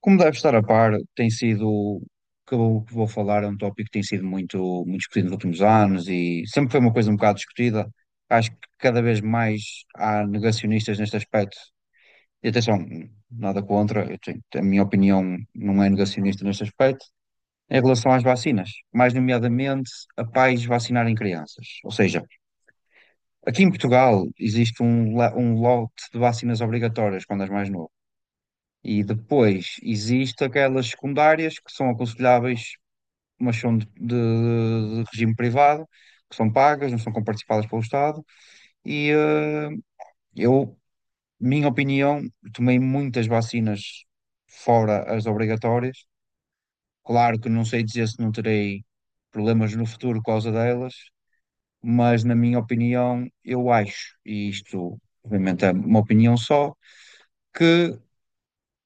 Como deve estar a par, tem sido o que eu vou falar, é um tópico que tem sido muito discutido nos últimos anos e sempre foi uma coisa um bocado discutida. Acho que cada vez mais há negacionistas neste aspecto. E atenção, nada contra, a minha opinião não é negacionista neste aspecto, em relação às vacinas, mais nomeadamente a pais vacinarem crianças. Ou seja, aqui em Portugal existe um lote de vacinas obrigatórias quando és mais novo. E depois existe aquelas secundárias que são aconselháveis, mas são de regime privado, que são pagas, não são comparticipadas pelo Estado. E eh, eu, minha opinião, tomei muitas vacinas fora as obrigatórias. Claro que não sei dizer se não terei problemas no futuro por causa delas, mas na minha opinião, eu acho, e isto obviamente é uma opinião só, que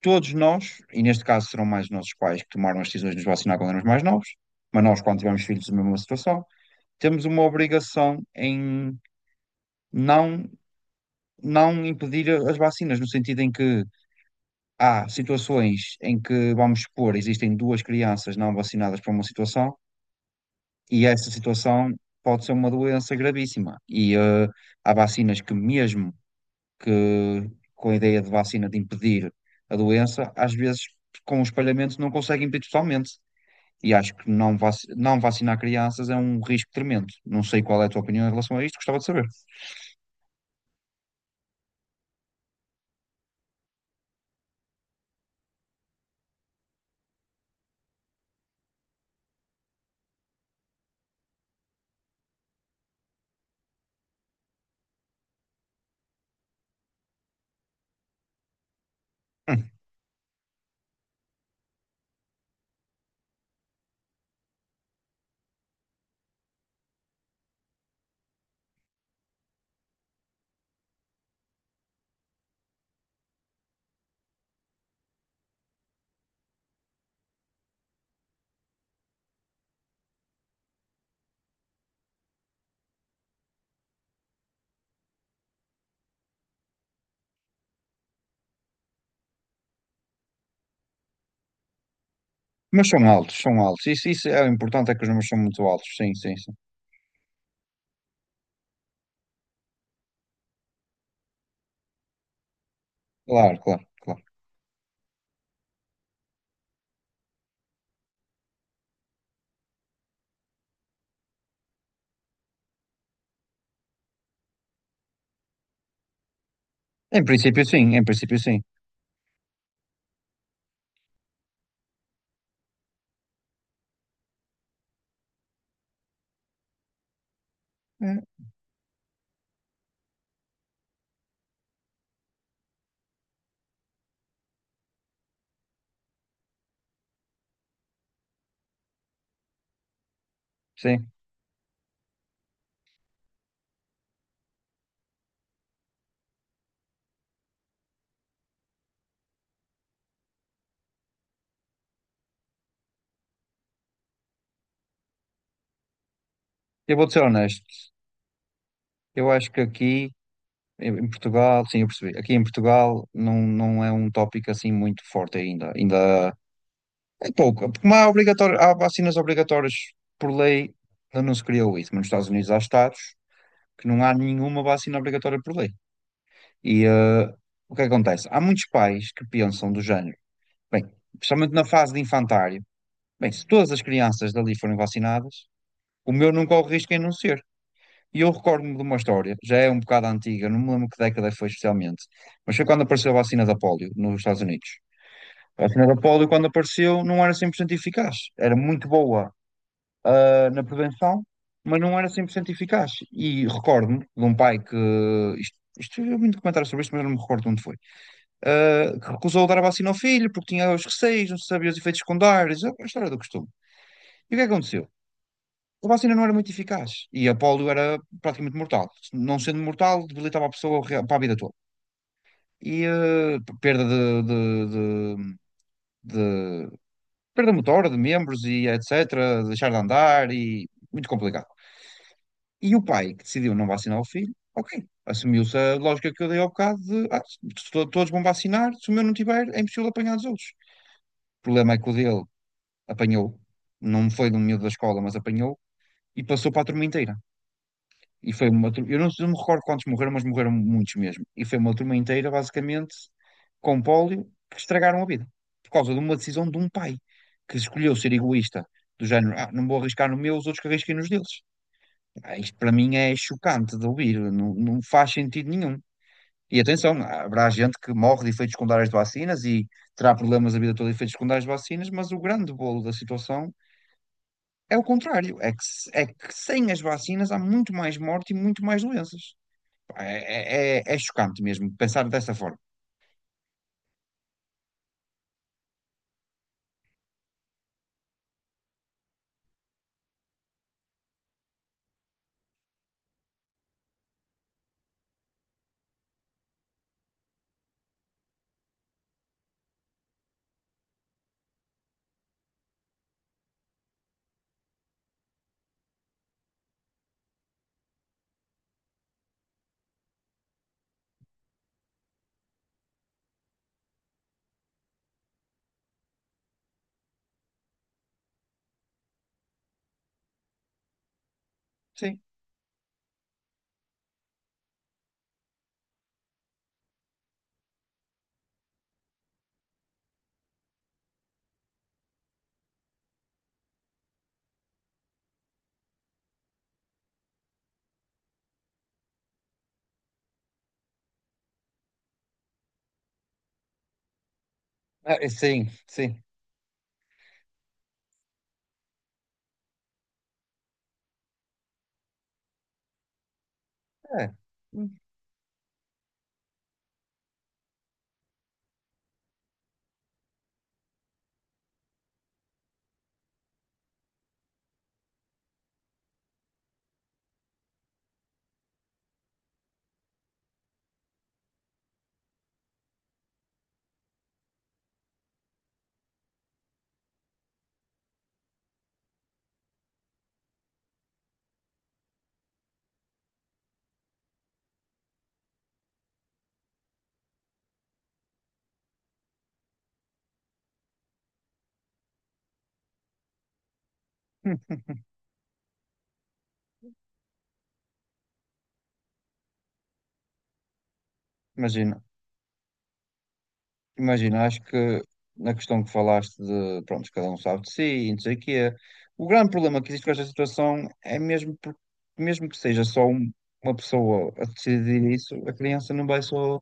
todos nós, e neste caso serão mais os nossos pais que tomaram as decisões de nos vacinar quando éramos mais novos, mas nós, quando tivemos filhos, a mesma situação, temos uma obrigação em não, não impedir as vacinas, no sentido em que há situações em que, vamos supor, existem duas crianças não vacinadas para uma situação, e essa situação pode ser uma doença gravíssima. Há vacinas que, mesmo que com a ideia de vacina de impedir a doença, às vezes com o espalhamento não consegue impedir totalmente. E acho que não, vac não vacinar crianças é um risco tremendo. Não sei qual é a tua opinião em relação a isto, gostava de saber. Hum. Mas são altos, são altos. Isso é o importante, é que os números são muito altos. Sim, sim, sim. Claro, claro, claro. Em princípio, sim, em princípio, sim. É, sim. Eu vou ser honesto. Eu acho que aqui em Portugal, sim, eu percebi. Aqui em Portugal não, não é um tópico assim muito forte ainda. Ainda é pouco. Porque há, obrigatório, há vacinas obrigatórias por lei, ainda não se criou isso, mas nos Estados Unidos há estados que não há nenhuma vacina obrigatória por lei. E eh, o que acontece? Há muitos pais que pensam do género, bem, especialmente na fase de infantário, bem, se todas as crianças dali forem vacinadas, o meu não corre risco em não ser. E eu recordo-me de uma história, já é um bocado antiga, não me lembro que década foi especialmente, mas foi quando apareceu a vacina da polio nos Estados Unidos. A vacina da polio, quando apareceu, não era 100% eficaz, era muito boa na prevenção, mas não era 100% eficaz. E recordo-me de um pai que. Eu vi muito comentário sobre isto, mas eu não me recordo onde foi. Que recusou dar a vacina ao filho porque tinha os receios, não se sabia os efeitos secundários, a história do costume. E o que é que aconteceu? A vacina não era muito eficaz e a polio era praticamente mortal. Não sendo mortal, debilitava a pessoa para a vida toda. Perda de, de perda motora, de membros e etc., deixar de andar e muito complicado. E o pai que decidiu não vacinar o filho, ok, assumiu-se a lógica que eu dei ao bocado de se todos vão vacinar, se o meu não tiver, é impossível apanhar os outros. O problema é que o dele apanhou, não foi de um miúdo da escola, mas apanhou e passou para a turma inteira. E foi uma turma, eu não me recordo quantos morreram, mas morreram muitos mesmo. E foi uma turma inteira, basicamente, com pólio, que estragaram a vida. Por causa de uma decisão de um pai que escolheu ser egoísta, do género, ah, não vou arriscar no meu, os outros que arrisquem nos deles. Ah, isto para mim é chocante de ouvir, não, não faz sentido nenhum. E atenção, haverá gente que morre de efeitos secundários de vacinas e terá problemas a vida toda de efeitos secundários de vacinas, mas o grande bolo da situação é o contrário, é que, é que sem as vacinas há muito mais morte e muito mais doenças. Pá, é chocante mesmo pensar dessa forma. Sim, ah, sim, sim. É. Imagina. Imagina, acho que na questão que falaste de, pronto, cada um sabe de si, e não sei o quê, o grande problema que existe com esta situação é mesmo, mesmo que seja uma pessoa a decidir isso, a criança não vai só,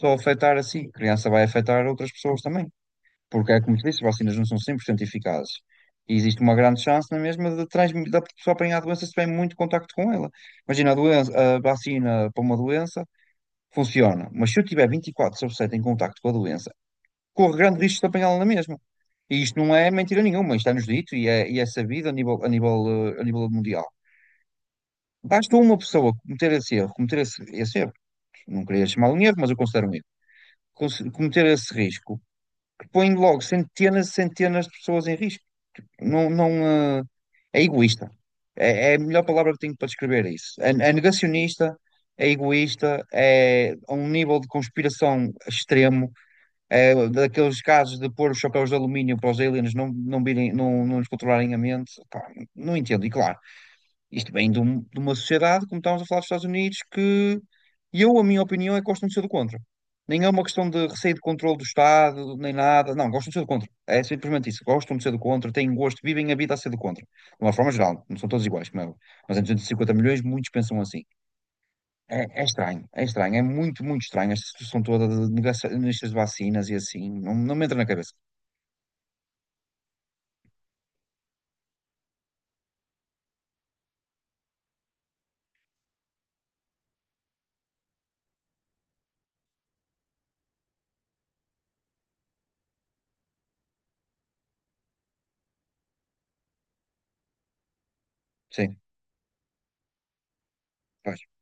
só afetar assim, a criança vai afetar outras pessoas também, porque é como te disse, as vacinas não são 100% eficazes, e existe uma grande chance na mesma de transmitir, da pessoa apanhar a doença se tiver muito contacto com ela. Imagina, a doença, a vacina para uma doença funciona, mas se eu tiver 24 sobre 7 em contacto com a doença, corre grande risco de apanhá-la na mesma. E isto não é mentira nenhuma, isto está-nos dito e é sabido a nível mundial. Basta uma pessoa cometer esse erro, cometer esse erro, não queria chamar um erro, mas eu considero um erro, cometer esse risco, que põe logo centenas e centenas de pessoas em risco. Não, não, eh, é egoísta. É, é a melhor palavra que tenho para descrever isso. É, é negacionista, é egoísta, é a um nível de conspiração extremo. É daqueles casos de pôr os chapéus de alumínio para os aliens não virem, não nos controlarem a mente. Pá, não entendo. E claro, isto vem de, de uma sociedade, como estávamos a falar dos Estados Unidos, que eu, a minha opinião, é que gostam de ser do contra. Nem é uma questão de receio de controle do Estado, nem nada. Não, gostam de ser do contra. É simplesmente isso. Gostam de ser do contra, têm gosto, vivem a vida a ser do contra. De uma forma geral, não são todos iguais, como é óbvio. Mas em 250 milhões, muitos pensam assim. É, é estranho, é estranho, é muito estranho esta situação toda de negacionistas de vacinas e assim, não, não me entra na cabeça. Sim, pois.